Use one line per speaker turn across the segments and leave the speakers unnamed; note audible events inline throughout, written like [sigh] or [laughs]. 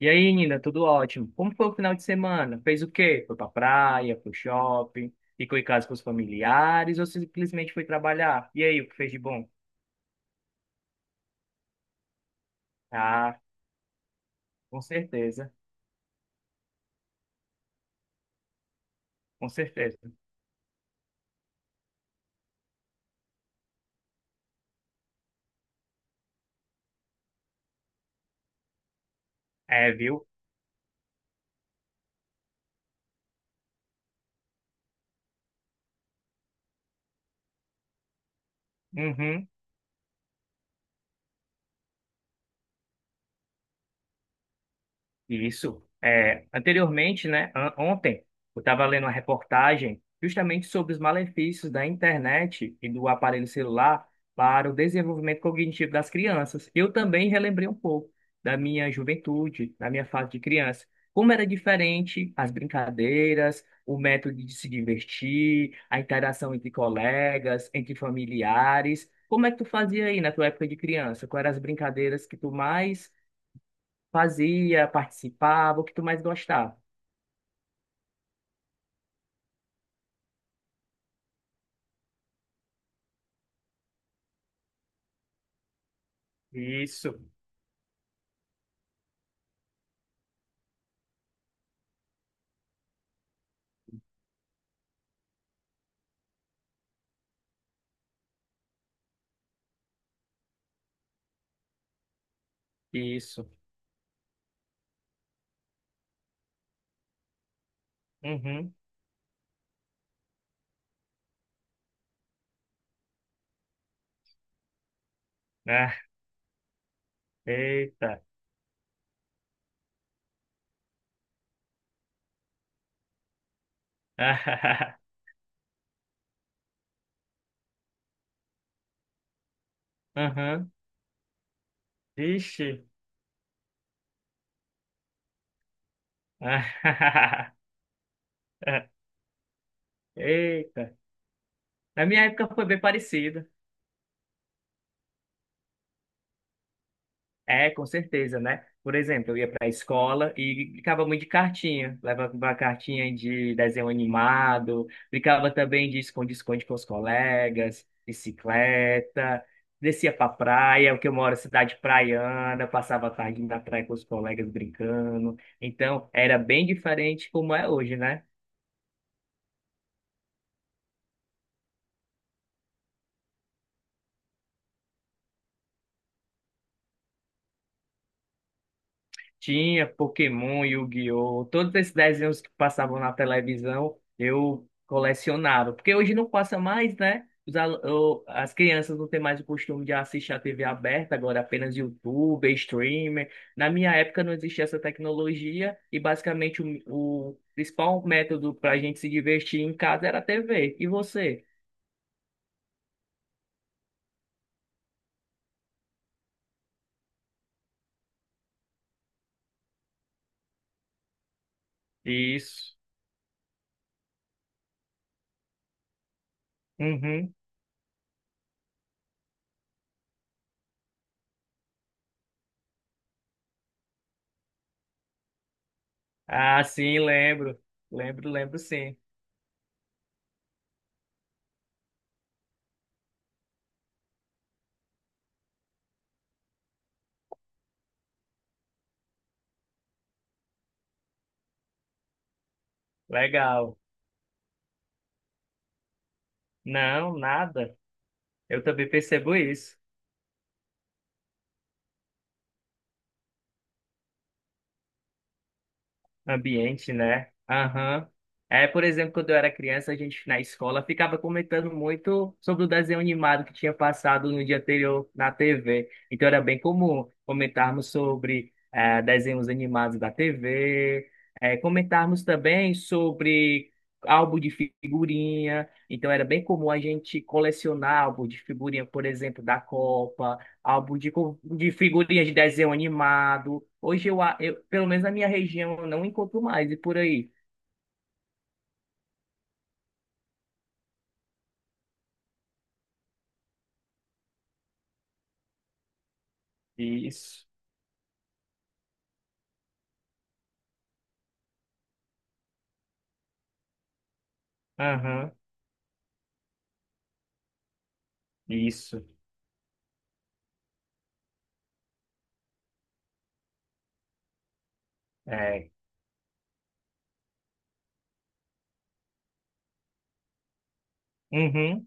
E aí, Nina, tudo ótimo? Como foi o final de semana? Fez o quê? Foi pra praia, pro shopping, ficou em casa com os familiares ou simplesmente foi trabalhar? E aí, o que fez de bom? Ah, com certeza, com certeza. É, viu? Uhum. Isso. É, anteriormente, né, ontem, eu estava lendo uma reportagem justamente sobre os malefícios da internet e do aparelho celular para o desenvolvimento cognitivo das crianças. Eu também relembrei um pouco da minha juventude, da minha fase de criança. Como era diferente as brincadeiras, o método de se divertir, a interação entre colegas, entre familiares. Como é que tu fazia aí na tua época de criança? Quais eram as brincadeiras que tu mais fazia, participava, o que tu mais gostava. Isso, isso. Uhum. Ah, eita. Ah, [laughs] uhum. Vixe. Ah, [laughs] eita. Na minha época foi bem parecido. É, com certeza, né? Por exemplo, eu ia para a escola e brincava muito de cartinha. Levava uma cartinha de desenho animado, brincava também de esconde-esconde com os colegas, bicicleta, descia para praia, porque eu moro em cidade praiana, passava a tarde na praia com os colegas brincando. Então, era bem diferente como é hoje, né? Tinha Pokémon, Yu-Gi-Oh! Todos esses desenhos que passavam na televisão, eu colecionava. Porque hoje não passa mais, né? As crianças não têm mais o costume de assistir a TV aberta, agora apenas YouTube, streamer. Na minha época não existia essa tecnologia e basicamente o principal método para a gente se divertir em casa era a TV. E você? Isso. Uhum. Ah, sim, lembro. Lembro, lembro sim. Legal. Não, nada. Eu também percebo isso. Ambiente, né? Aham. É, por exemplo, quando eu era criança, a gente na escola ficava comentando muito sobre o desenho animado que tinha passado no dia anterior na TV. Então era bem comum comentarmos sobre desenhos animados da TV, comentarmos também sobre álbum de figurinha. Então era bem comum a gente colecionar álbum de figurinha, por exemplo, da Copa. Álbum de figurinha de desenho animado. Hoje pelo menos na minha região, eu não encontro mais e por aí. Isso. Aham. Isso. É. Uhum.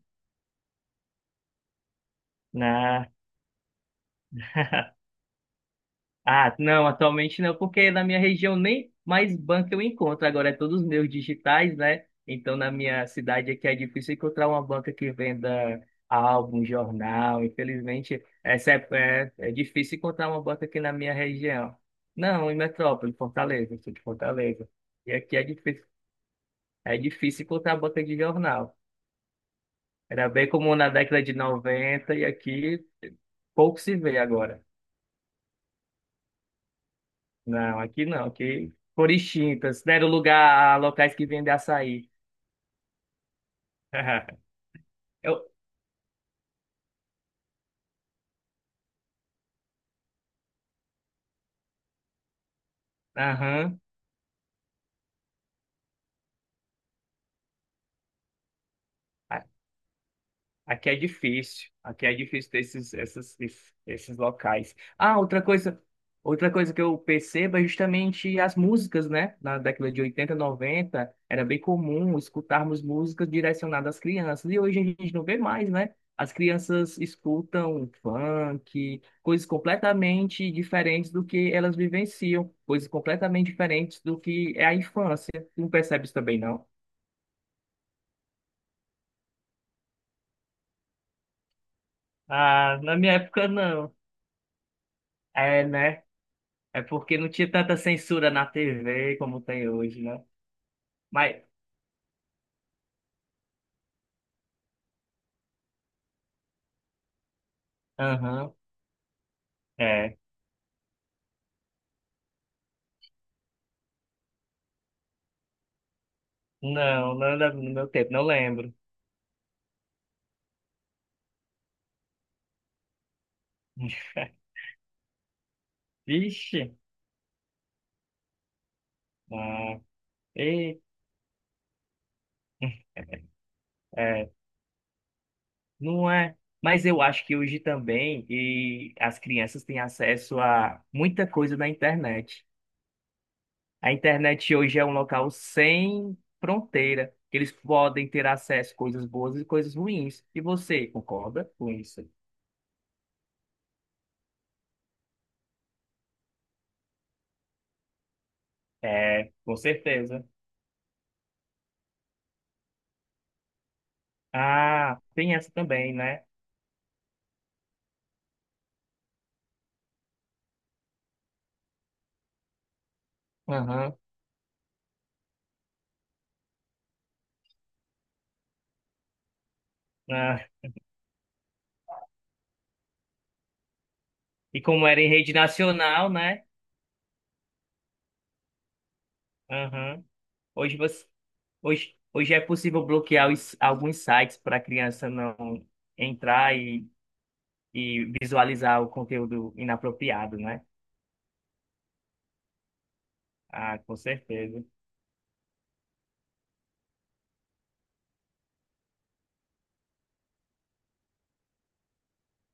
Na... Ah, não, atualmente não, porque na minha região nem mais banco eu encontro. Agora é todos meus digitais, né? Então na minha cidade aqui é difícil encontrar uma banca que venda álbum, jornal. Infelizmente, é difícil encontrar uma banca aqui na minha região. Não, em Metrópole, Fortaleza, sou de Fortaleza. E aqui é difícil encontrar banca de jornal. Era bem comum na década de 90 e aqui pouco se vê agora. Não, aqui não, aqui foram extintas, deram lugar a locais que vendem açaí. [laughs] Eu, aham. Aqui aqui é difícil ter esses locais. Ah, outra coisa que eu percebo é justamente as músicas, né? Na década de 80, 90, era bem comum escutarmos músicas direcionadas às crianças, e hoje a gente não vê mais, né? As crianças escutam funk, coisas completamente diferentes do que elas vivenciam, coisas completamente diferentes do que é a infância. Tu não percebes também, não? Ah, na minha época não. É, né? É porque não tinha tanta censura na TV como tem hoje, né? Mas, aham, é. Não, não era no meu tempo, não lembro. [laughs] Vixe, ah, e, [laughs] é, não é. Mas eu acho que hoje também e as crianças têm acesso a muita coisa na internet. A internet hoje é um local sem fronteira. Eles podem ter acesso a coisas boas e coisas ruins. E você concorda com isso? É, com certeza. Ah, tem essa também, né? Aham. Ah, e como era em rede nacional, né? Aham. Hoje você, hoje, hoje é possível bloquear alguns sites para a criança não entrar e visualizar o conteúdo inapropriado, né? Ah, com certeza.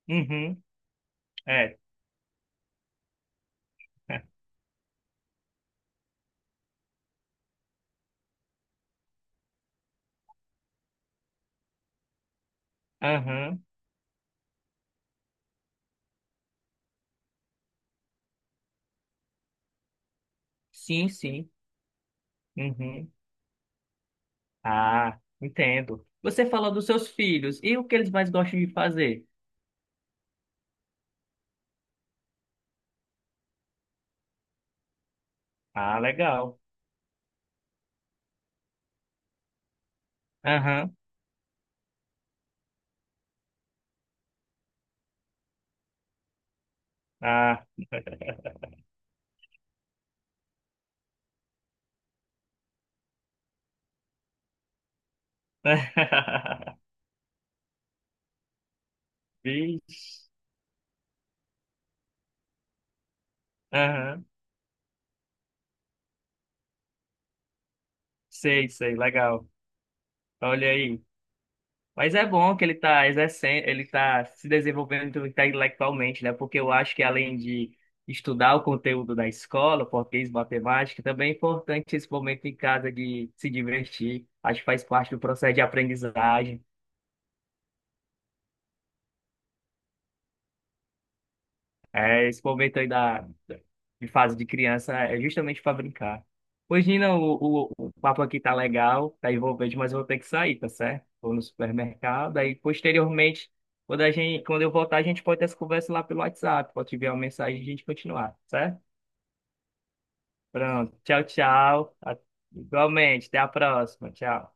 Uhum. É. [laughs] Aham. Sim, sim. Uhum. Ah, entendo. Você falou dos seus filhos e o que eles mais gostam de fazer? Ah, legal. Aham. Ah. [laughs] [laughs] Vixe. Aham. Sei, sei, legal. Olha aí. Mas é bom que ele tá exercendo, ele tá se desenvolvendo intelectualmente, né? Porque eu acho que além de estudar o conteúdo da escola, português, matemática, também é importante esse momento em casa de se divertir. Acho que faz parte do processo de aprendizagem. É, esse momento aí da, de fase de criança é justamente para brincar. Pois, Nina, o papo aqui tá legal, tá envolvente, mas eu vou ter que sair, tá certo? Vou no supermercado, aí posteriormente, quando eu voltar, a gente pode ter essa conversa lá pelo WhatsApp, pode enviar uma mensagem e a gente continuar, tá certo? Pronto, tchau, tchau. A- Igualmente, até a próxima, tchau.